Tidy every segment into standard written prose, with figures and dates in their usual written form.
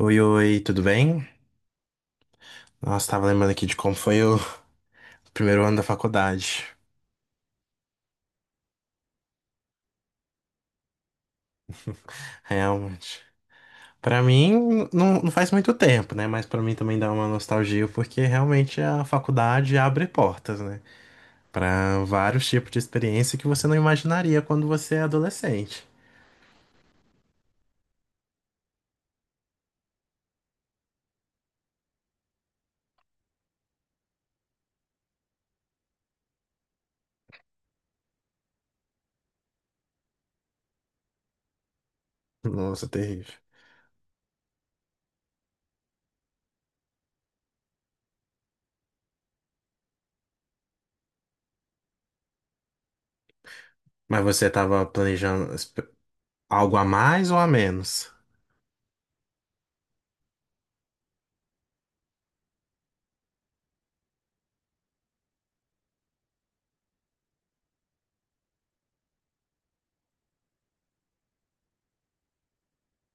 Oi, oi, tudo bem? Nossa, tava lembrando aqui de como foi o primeiro ano da faculdade. Realmente. Pra mim, não faz muito tempo, né? Mas pra mim também dá uma nostalgia, porque realmente a faculdade abre portas, né? Pra vários tipos de experiência que você não imaginaria quando você é adolescente. Nossa, terrível. Mas você tava planejando algo a mais ou a menos?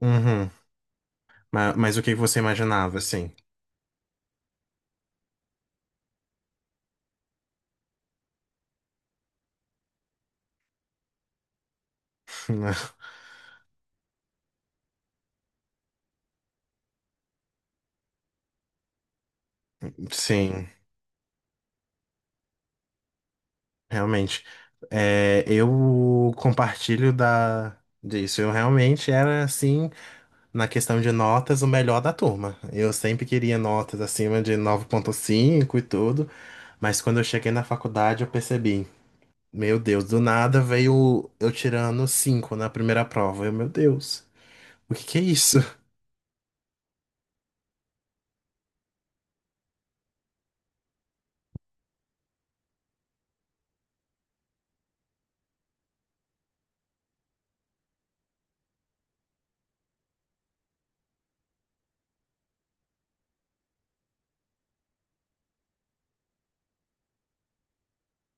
Uhum. Mas, o que que você imaginava, assim? Sim. Realmente. É, eu compartilho disso. Eu realmente era, assim, na questão de notas, o melhor da turma. Eu sempre queria notas acima de 9,5 e tudo. Mas quando eu cheguei na faculdade, eu percebi, meu Deus, do nada veio eu tirando 5 na primeira prova. Meu Deus, o que que é isso?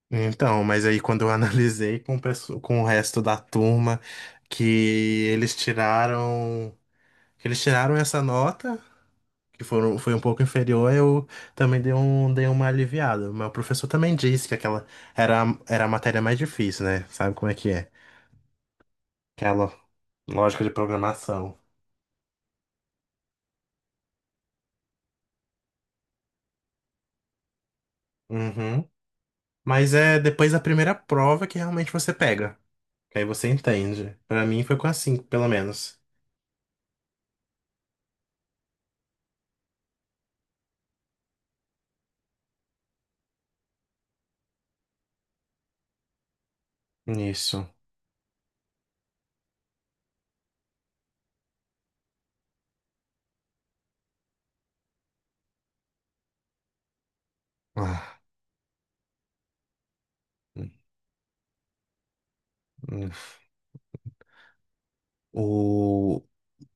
Então, mas aí quando eu analisei com o resto da turma, que eles tiraram, que eles tiraram essa nota, foi um pouco inferior, eu também dei uma aliviada. Mas o professor também disse que aquela era a matéria mais difícil, né? Sabe como é que é? Aquela lógica de programação. Uhum. Mas é depois da primeira prova que realmente você pega. Que aí você entende. Pra mim foi com a cinco pelo menos. Isso. Ah, hum, hum. o...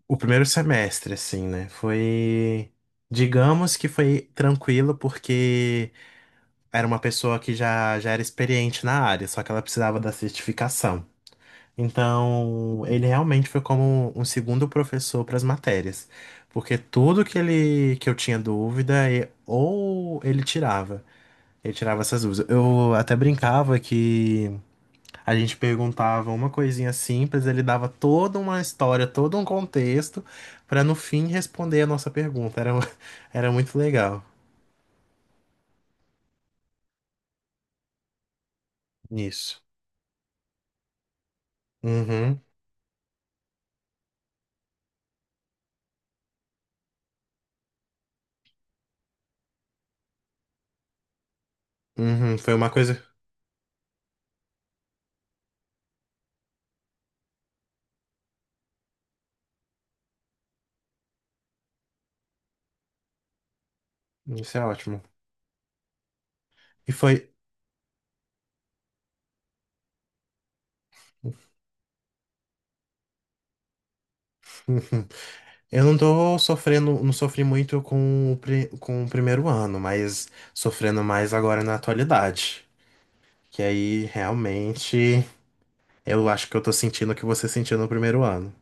O primeiro semestre, assim, né? Foi. Digamos que foi tranquilo, porque era uma pessoa que já era experiente na área, só que ela precisava da certificação. Então, ele realmente foi como um segundo professor para as matérias, porque tudo que eu tinha dúvida, ou ele tirava. Ele tirava essas dúvidas. Eu até brincava que a gente perguntava uma coisinha simples, ele dava toda uma história, todo um contexto, para no fim responder a nossa pergunta. Era, era muito legal isso. Uhum, uhum. Foi uma coisa. Isso é ótimo. E foi. Uhum. Eu não tô sofrendo, não sofri muito com o primeiro ano, mas sofrendo mais agora na atualidade. Que aí realmente eu acho que eu tô sentindo o que você sentiu no primeiro ano.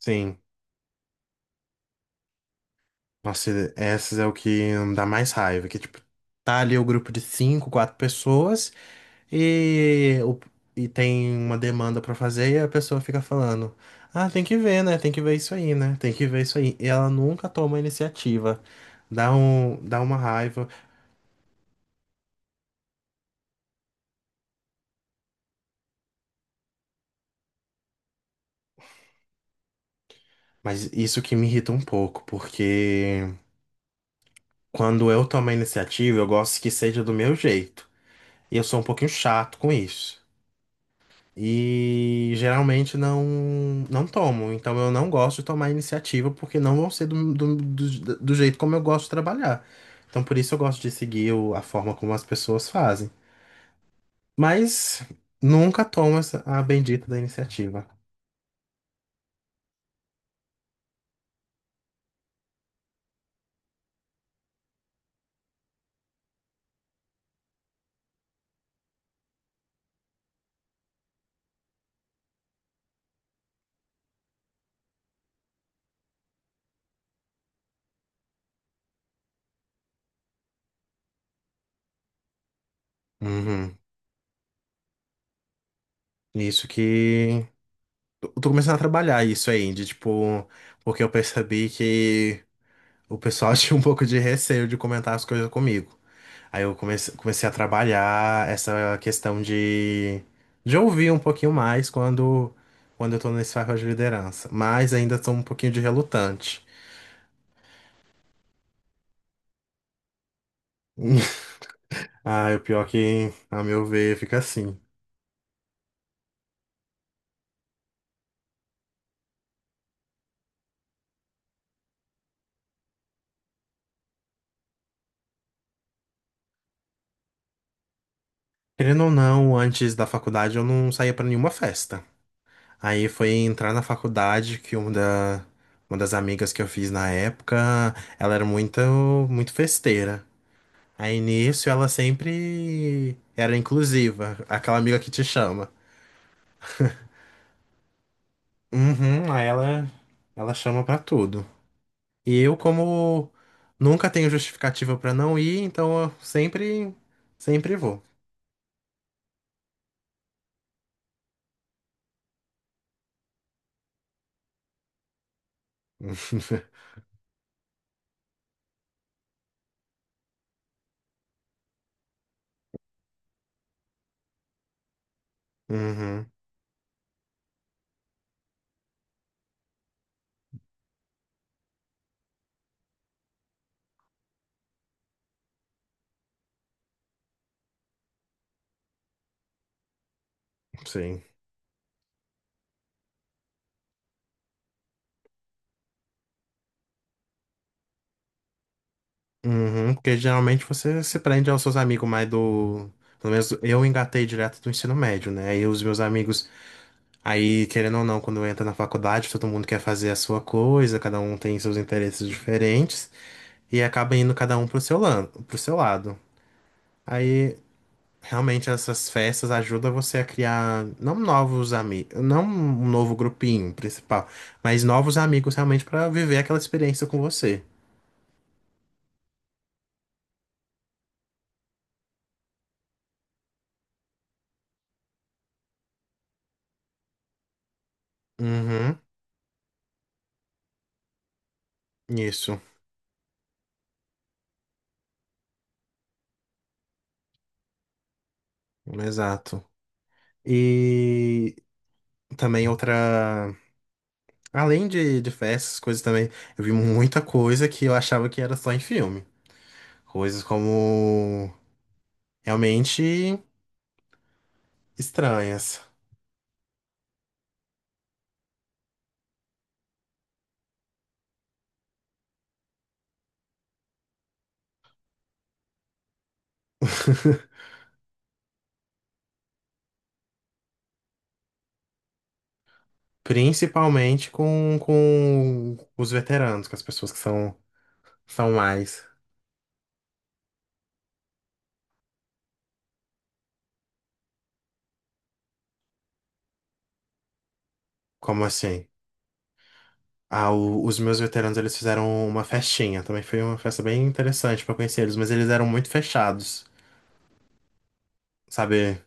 Sim. Nossa, essas é o que dá mais raiva, que tipo, tá ali o grupo de cinco, quatro pessoas e, o- e tem uma demanda pra fazer e a pessoa fica falando, ah, tem que ver, né? Tem que ver isso aí, né? Tem que ver isso aí. E ela nunca toma iniciativa. Dá uma raiva, mas isso que me irrita um pouco, porque quando eu tomo a iniciativa, eu gosto que seja do meu jeito. E eu sou um pouquinho chato com isso. E geralmente não tomo. Então eu não gosto de tomar iniciativa porque não vão ser do jeito como eu gosto de trabalhar. Então por isso eu gosto de seguir a forma como as pessoas fazem. Mas nunca tomo a bendita da iniciativa. Uhum. Isso que. Eu tô começando a trabalhar isso aí, de tipo. Porque eu percebi que o pessoal tinha um pouco de receio de comentar as coisas comigo. Aí eu comecei a trabalhar essa questão de ouvir um pouquinho mais quando eu tô nesse papel de liderança. Mas ainda tô um pouquinho de relutante. Ah, o pior é que, a meu ver, fica assim. Querendo ou não, antes da faculdade eu não saía pra nenhuma festa. Aí foi entrar na faculdade que uma das amigas que eu fiz na época, ela era muito, muito festeira. Aí nisso ela sempre era inclusiva, aquela amiga que te chama. Uhum, aí ela chama pra tudo. E eu, como nunca tenho justificativa pra não ir, então eu sempre, sempre vou. Uhum, sim. Uhum, porque geralmente você se prende aos seus amigos mais do. Pelo menos eu engatei direto do ensino médio, né? Aí os meus amigos. Aí, querendo ou não, quando entra na faculdade, todo mundo quer fazer a sua coisa, cada um tem seus interesses diferentes, e acaba indo cada um pro seu lado. Aí realmente essas festas ajudam você a criar não novos amigos, não um novo grupinho principal, mas novos amigos realmente para viver aquela experiência com você. Uhum, isso, exato. E também outra, além de festas, coisas também, eu vi muita coisa que eu achava que era só em filme. Coisas como realmente estranhas, principalmente com os veteranos, com as pessoas que são mais. Como assim? Ah, os meus veteranos eles fizeram uma festinha. Também foi uma festa bem interessante pra conhecer eles, mas eles eram muito fechados, sabe?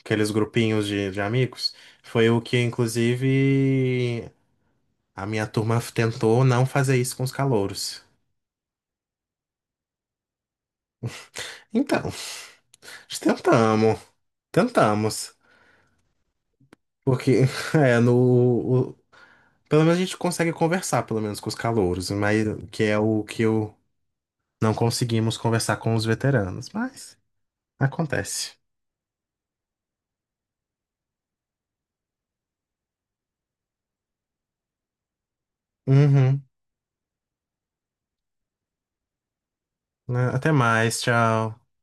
Aqueles grupinhos de amigos. Foi o que, inclusive, a minha turma tentou não fazer isso com os calouros. Então, tentamos, tentamos. Porque, é, no. o- pelo menos a gente consegue conversar, pelo menos, com os calouros, mas que é o que eu não conseguimos conversar com os veteranos. Mas acontece. Uhum. Né? Até mais, tchau.